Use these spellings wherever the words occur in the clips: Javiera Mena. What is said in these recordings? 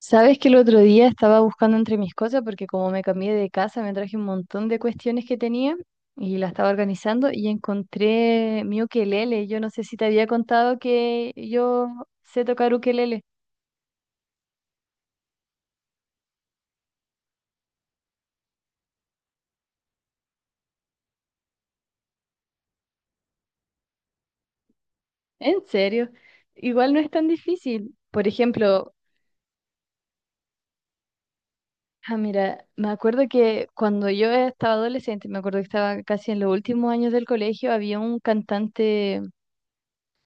Sabes que el otro día estaba buscando entre mis cosas porque como me cambié de casa me traje un montón de cuestiones que tenía y la estaba organizando y encontré mi ukelele. Yo no sé si te había contado que yo sé tocar ukelele. En serio, igual no es tan difícil. Por ejemplo, ah, mira, me acuerdo que cuando yo estaba adolescente, me acuerdo que estaba casi en los últimos años del colegio, había un cantante.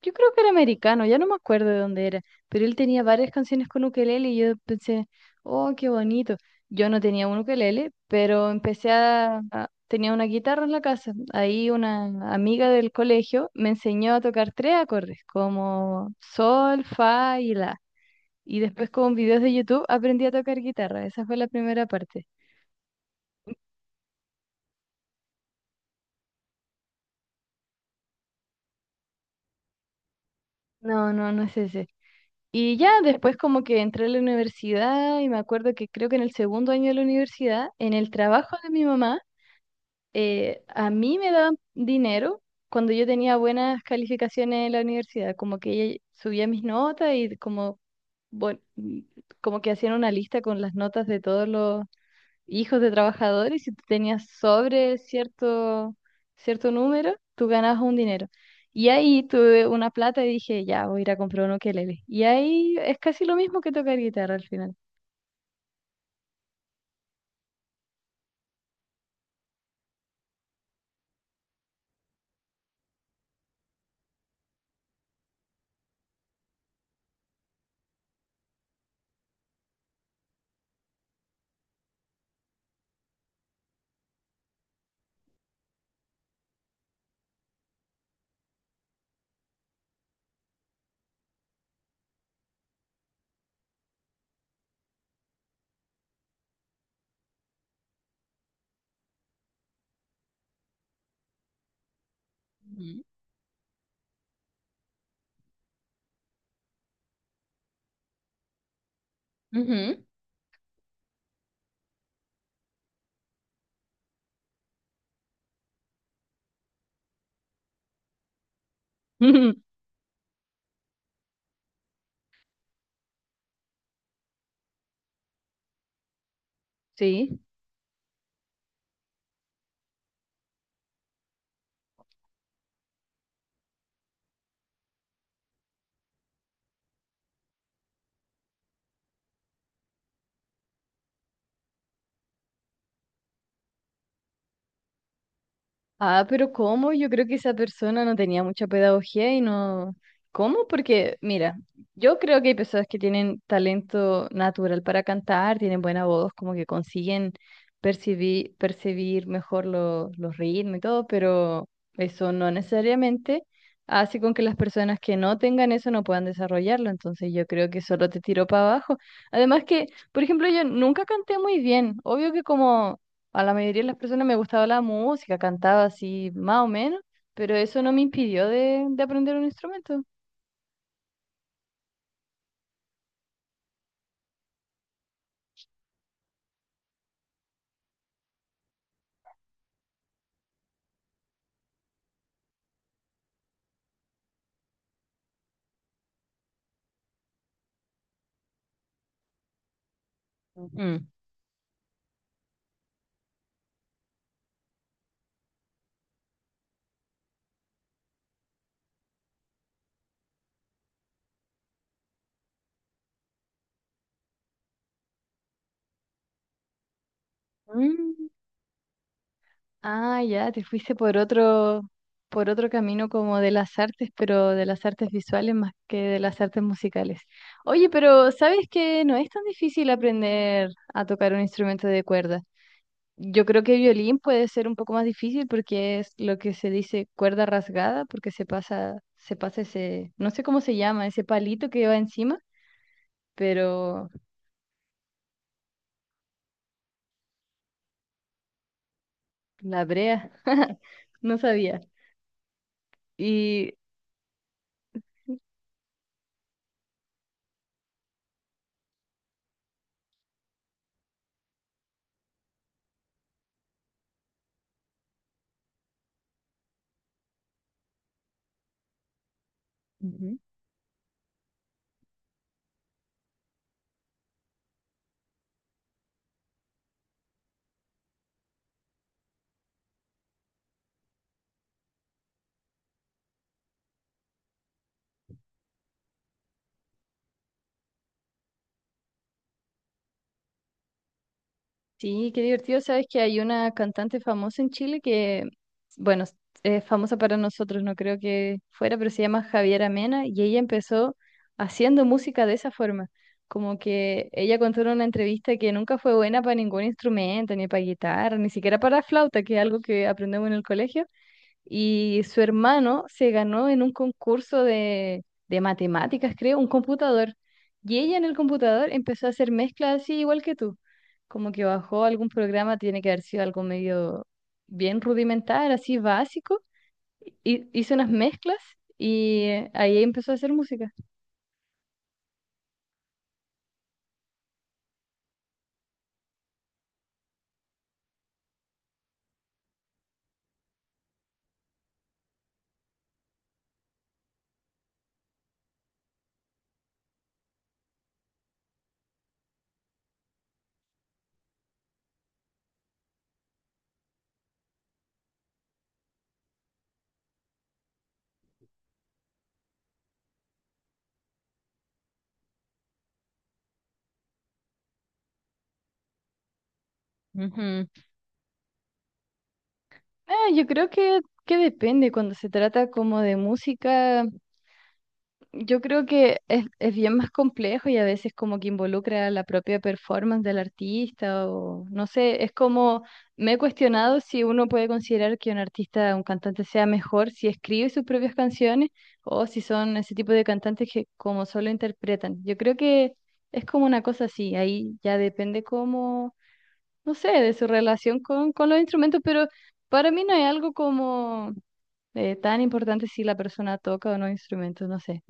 Yo creo que era americano, ya no me acuerdo de dónde era, pero él tenía varias canciones con ukelele y yo pensé, oh, qué bonito. Yo no tenía un ukelele, pero tenía una guitarra en la casa. Ahí una amiga del colegio me enseñó a tocar tres acordes, como sol, fa y la. Y después con videos de YouTube aprendí a tocar guitarra. Esa fue la primera parte. No, no, no es ese. Y ya después como que entré a la universidad y me acuerdo que creo que en el segundo año de la universidad, en el trabajo de mi mamá, a mí me daban dinero cuando yo tenía buenas calificaciones en la universidad, como que ella subía mis notas y como, bueno, como que hacían una lista con las notas de todos los hijos de trabajadores. Si tú tenías sobre cierto número, tú ganabas un dinero. Y ahí tuve una plata y dije, ya, voy a ir a comprar un ukelele. Y ahí es casi lo mismo que tocar guitarra al final. Ujú. Ujú. Sí. Ah, pero ¿cómo? Yo creo que esa persona no tenía mucha pedagogía y no... ¿Cómo? Porque, mira, yo creo que hay personas que tienen talento natural para cantar, tienen buena voz, como que consiguen percibir mejor los ritmos y todo, pero eso no necesariamente hace con que las personas que no tengan eso no puedan desarrollarlo. Entonces yo creo que solo te tiró para abajo. Además que, por ejemplo, yo nunca canté muy bien. Obvio que como a la mayoría de las personas me gustaba la música, cantaba así más o menos, pero eso no me impidió de aprender un instrumento. Mm. Mm. Ah, ya, te fuiste por por otro camino como de las artes, pero de las artes visuales más que de las artes musicales. Oye, pero ¿sabes que no es tan difícil aprender a tocar un instrumento de cuerda? Yo creo que violín puede ser un poco más difícil porque es lo que se dice cuerda rasgada, porque se pasa ese, no sé cómo se llama, ese palito que va encima, pero la brea, no sabía. Y Ujú. Sí, qué divertido. Sabes que hay una cantante famosa en Chile que, bueno, es famosa para nosotros, no creo que fuera, pero se llama Javiera Mena y ella empezó haciendo música de esa forma. Como que ella contó en una entrevista que nunca fue buena para ningún instrumento, ni para guitarra, ni siquiera para flauta, que es algo que aprendemos en el colegio, y su hermano se ganó en un concurso de matemáticas, creo, un computador. Y ella en el computador empezó a hacer mezclas así igual que tú, como que bajó algún programa, tiene que haber sido algo medio bien rudimentar, así básico, y hizo unas mezclas y ahí empezó a hacer música. Ujú. Ah, yo creo que depende cuando se trata como de música. Yo creo que es bien más complejo y a veces como que involucra la propia performance del artista o no sé, es como me he cuestionado si uno puede considerar que un artista, un cantante sea mejor si escribe sus propias canciones o si son ese tipo de cantantes que como solo interpretan. Yo creo que es como una cosa así, ahí ya depende como, no sé, de su relación con los instrumentos, pero para mí no hay algo como tan importante si la persona toca o no instrumentos, no sé.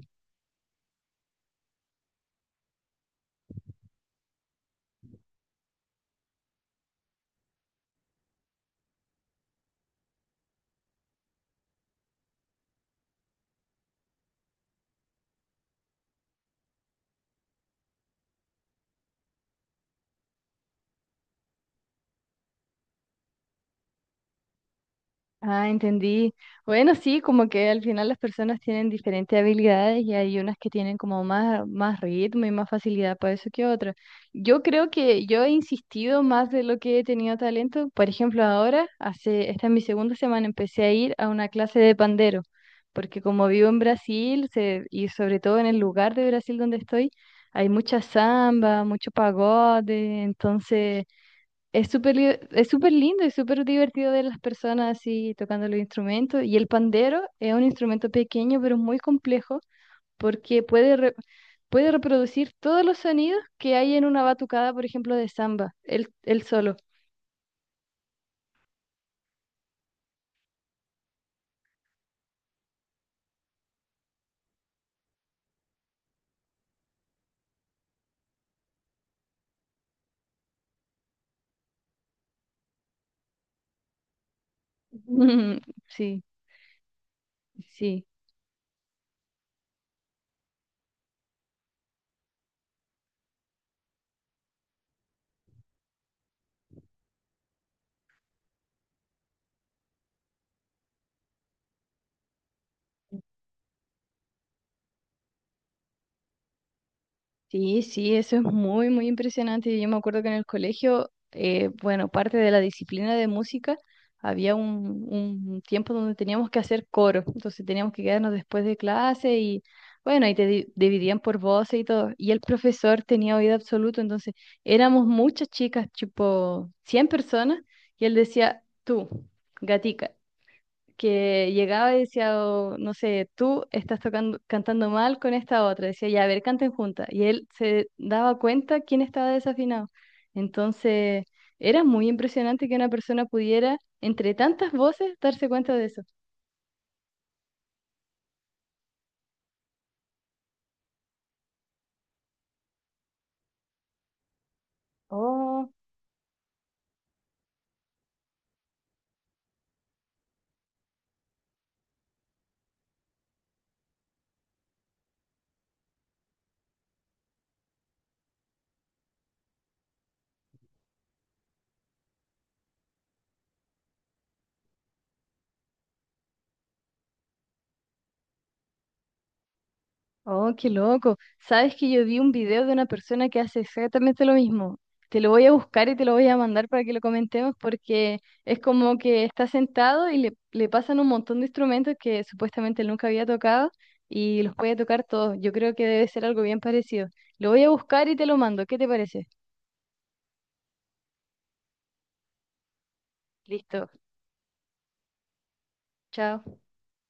Ah, entendí. Bueno, sí, como que al final las personas tienen diferentes habilidades y hay unas que tienen como más ritmo y más facilidad para eso que otras. Yo creo que yo he insistido más de lo que he tenido talento. Por ejemplo, ahora, hace, esta es mi segunda semana, empecé a ir a una clase de pandero, porque como vivo en Brasil y sobre todo en el lugar de Brasil donde estoy, hay mucha samba, mucho pagode, entonces... Es súper lindo y súper divertido ver las personas así tocando los instrumentos. Y el pandero es un instrumento pequeño pero muy complejo porque puede reproducir todos los sonidos que hay en una batucada, por ejemplo, de samba, él solo. Sí, sí. Sí, sí, eso es muy impresionante. Yo me acuerdo que en el colegio, bueno, parte de la disciplina de música, había un tiempo donde teníamos que hacer coro, entonces teníamos que quedarnos después de clase y bueno, y dividían por voces y todo. Y el profesor tenía oído absoluto, entonces éramos muchas chicas, tipo 100 personas, y él decía, tú, gatica, que llegaba y decía, "Oh, no sé, tú estás cantando mal con esta otra". Decía, ya, a ver, canten juntas. Y él se daba cuenta quién estaba desafinado. Entonces, era muy impresionante que una persona pudiera, entre tantas voces, darse cuenta de eso. Oh. Oh, qué loco. Sabes que yo vi un video de una persona que hace exactamente lo mismo. Te lo voy a buscar y te lo voy a mandar para que lo comentemos porque es como que está sentado y le pasan un montón de instrumentos que supuestamente él nunca había tocado y los puede tocar todos. Yo creo que debe ser algo bien parecido. Lo voy a buscar y te lo mando. ¿Qué te parece? Listo. Chao.